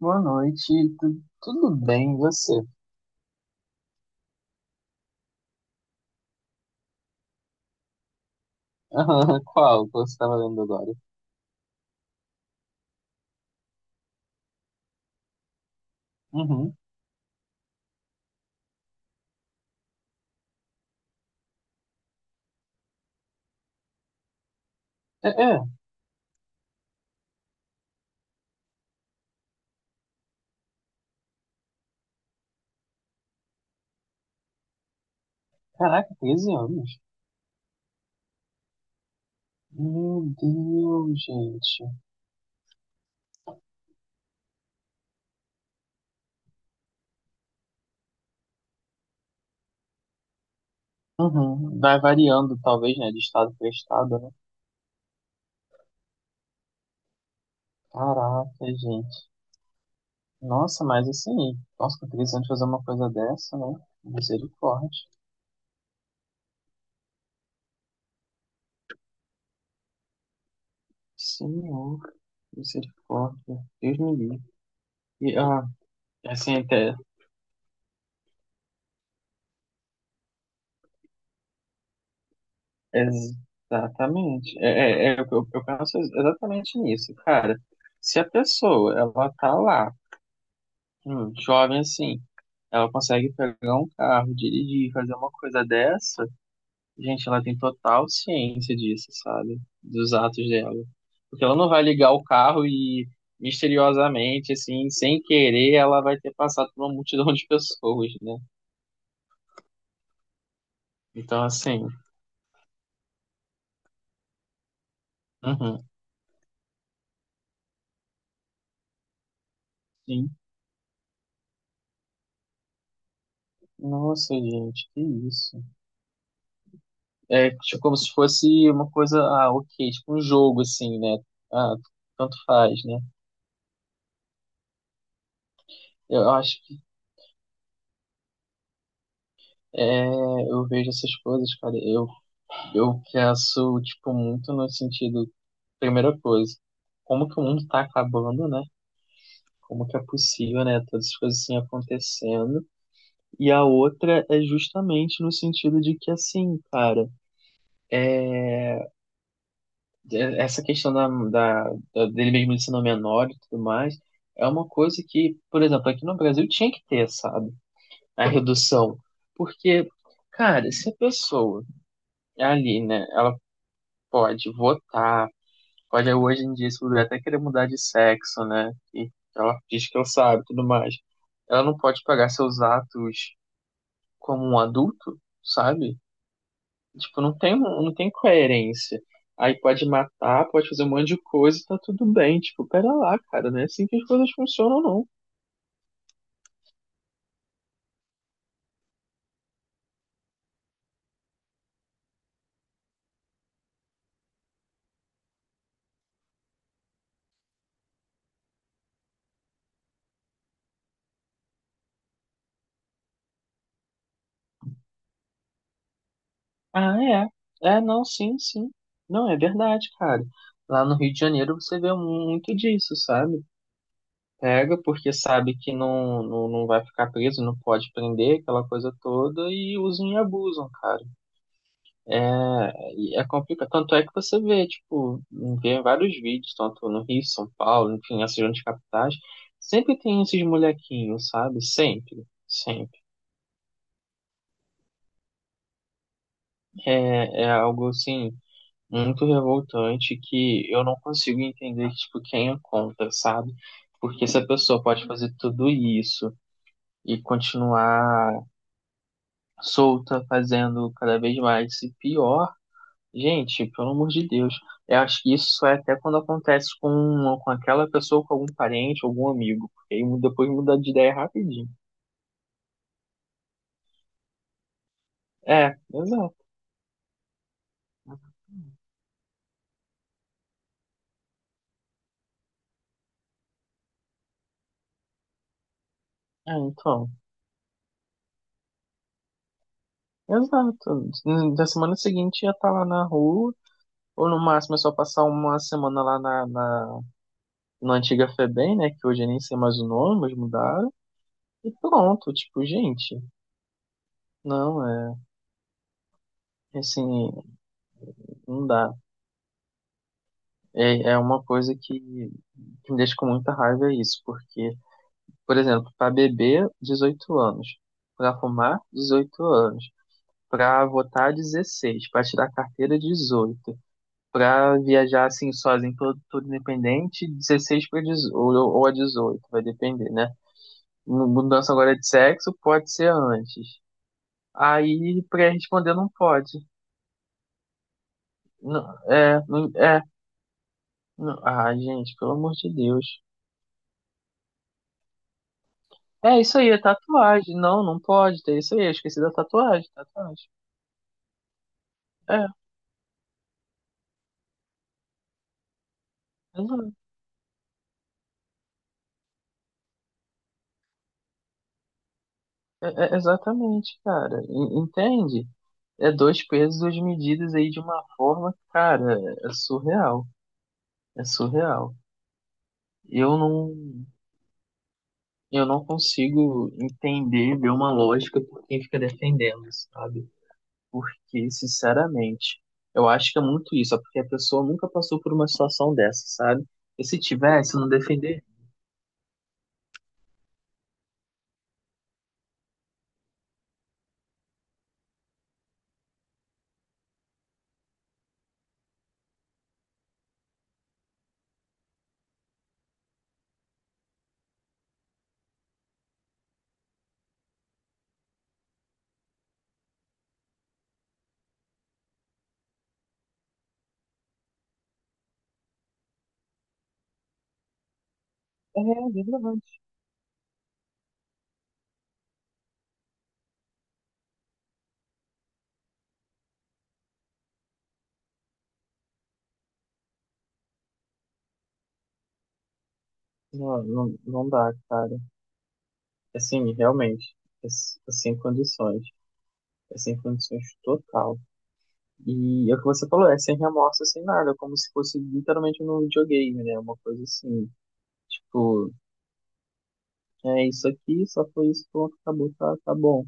Boa noite, tudo bem, e você? Qual que você estava lendo agora? Uhum. É, é, caraca, 13 anos. Meu Deus, gente. Uhum. Vai variando, talvez, né, de estado para estado, né? Caraca, gente. Nossa, mas assim, nossa, com 13 anos fazer uma coisa dessa, né? Misericórdia. Senhor, misericórdia. Deus me livre. E, ah, assim, até exatamente. Eu penso exatamente nisso, cara. Se a pessoa, ela tá lá, jovem assim, ela consegue pegar um carro, dirigir, fazer uma coisa dessa, gente, ela tem total ciência disso, sabe? Dos atos dela. Porque ela não vai ligar o carro e, misteriosamente, assim, sem querer, ela vai ter passado por uma multidão de pessoas, né? Então, assim, uhum, sim. Nossa, gente, que isso. É tipo, como se fosse uma coisa, ah, ok, tipo um jogo, assim, né? Ah, tanto faz, né? Eu acho que é, eu vejo essas coisas, cara, eu penso, tipo, muito no sentido, primeira coisa, como que o mundo tá acabando, né? Como que é possível, né? Todas as coisas assim acontecendo. E a outra é justamente no sentido de que, assim, cara. Essa questão da dele mesmo, ele sendo menor e tudo mais, é uma coisa que, por exemplo, aqui no Brasil tinha que ter, sabe? A redução. Porque, cara, se a pessoa é ali, né, ela pode votar, pode hoje em dia, se puder, até querer mudar de sexo, né? E ela diz que ela sabe e tudo mais. Ela não pode pagar seus atos como um adulto, sabe? Tipo, não tem coerência. Aí pode matar, pode fazer um monte de coisa e tá tudo bem. Tipo, pera lá, cara, não é assim que as coisas funcionam, não. Ah, é. É, não, sim, sim. Não, é verdade, cara. Lá no Rio de Janeiro você vê muito disso, sabe? Pega porque sabe que não vai ficar preso, não pode prender, aquela coisa toda, e usam e abusam, cara. É, e é complicado. Tanto é que você vê, tipo, vê vários vídeos, tanto no Rio, São Paulo, enfim, essas grandes capitais, sempre tem esses molequinhos, sabe? Sempre, sempre. É, é algo, assim, muito revoltante que eu não consigo entender, tipo, quem é contra, sabe? Porque se a pessoa pode fazer tudo isso e continuar solta, fazendo cada vez mais, e pior. Gente, pelo amor de Deus, eu acho que isso é até quando acontece com aquela pessoa, com algum parente, algum amigo, porque aí depois muda de ideia rapidinho. É, exato. É, então, exato. Na semana seguinte ia estar lá na rua, ou no máximo é só passar uma semana lá na antiga Febem, né, que hoje eu nem sei mais o nome, mas mudaram, e pronto, tipo, gente, não, é, assim, não dá. É, é uma coisa que me deixa com muita raiva é isso, porque por exemplo, para beber, 18 anos. Para fumar, 18 anos. Para votar, 16. Para tirar carteira, 18. Para viajar assim sozinho, todo, independente, 16 para 18, ou a 18, vai depender, né? Mudança agora de sexo pode ser antes. Aí, para responder, não pode. Não, é, não, é. Ah, gente, pelo amor de Deus. É isso aí, é tatuagem. Não, não pode ter isso aí. Eu esqueci da tatuagem. Tatuagem. É, exato. Exatamente, cara. Entende? É dois pesos, duas medidas aí de uma forma, cara, é surreal. É surreal. Eu não, eu não consigo entender, ver uma lógica por quem fica defendendo, sabe? Porque, sinceramente, eu acho que é muito isso. É porque a pessoa nunca passou por uma situação dessa, sabe? E se tivesse, não defender. É, é verdade. Não dá, cara. Assim, realmente, é sem condições. É sem condições total. E é o que você falou, é sem remorso, sem nada, como se fosse literalmente um videogame, né? Uma coisa assim, tipo, é isso aqui, só foi isso, pronto, acabou, tá, tá bom.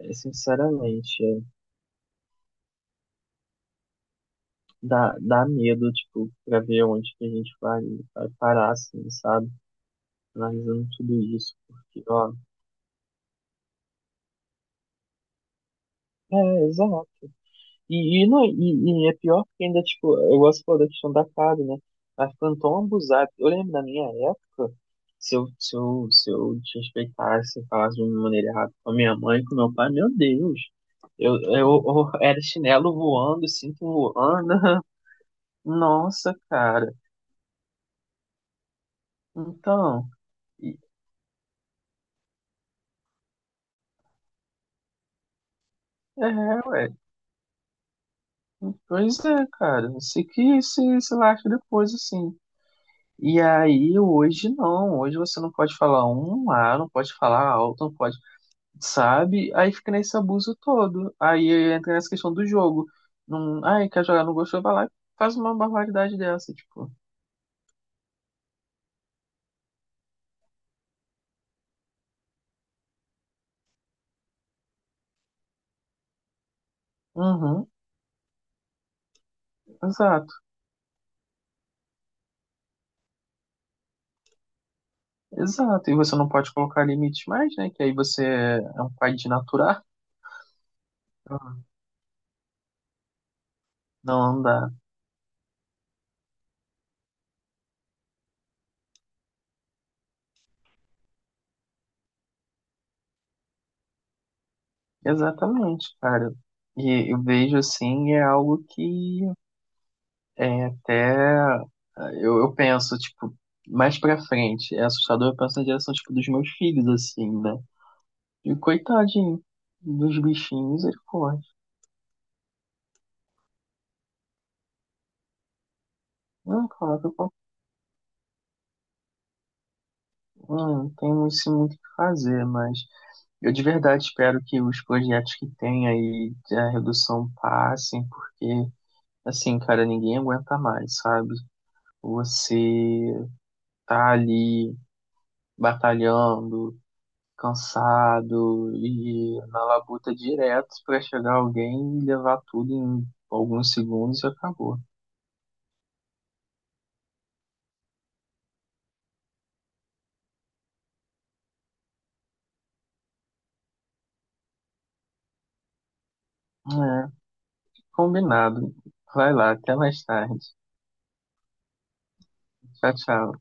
É, sinceramente, é, dá medo, tipo, pra ver onde que a gente vai, vai parar, assim, sabe? Analisando tudo isso, porque, ó, é, exato. Não, e é pior porque ainda, tipo, eu gosto pô, da questão da casa, né? Mas ficando tão abusado. Eu lembro da minha época, se eu desrespeitasse, se falasse de uma maneira errada com a minha mãe, com meu pai, meu Deus. Eu era chinelo voando, cinto voando. Nossa, cara. Então, e- é, ué. Pois é, cara. Eu sei que se lasca depois, assim. E aí, hoje não, hoje você não pode falar um A, não pode falar alto, não pode, sabe? Aí fica nesse abuso todo. Aí entra nessa questão do jogo. Não, ai, quer jogar, não gostou, vai lá e faz uma barbaridade dessa, tipo. Uhum, exato, exato. E você não pode colocar limites mais, né? Que aí você é um pai de natural. Não dá. Exatamente, cara. E eu vejo assim, é algo que é até. Eu penso, tipo, mais pra frente. É assustador, eu penso na direção, tipo, dos meus filhos, assim, né? E coitadinho dos bichinhos, ele pode. Não, claro, não tenho isso muito o que fazer, mas eu de verdade espero que os projetos que tem aí a redução passem, porque, assim, cara, ninguém aguenta mais, sabe? Você tá ali batalhando. Cansado e na labuta direto pra chegar alguém e levar tudo em alguns segundos e acabou. É, combinado. Vai lá, até mais tarde. Tchau, tchau.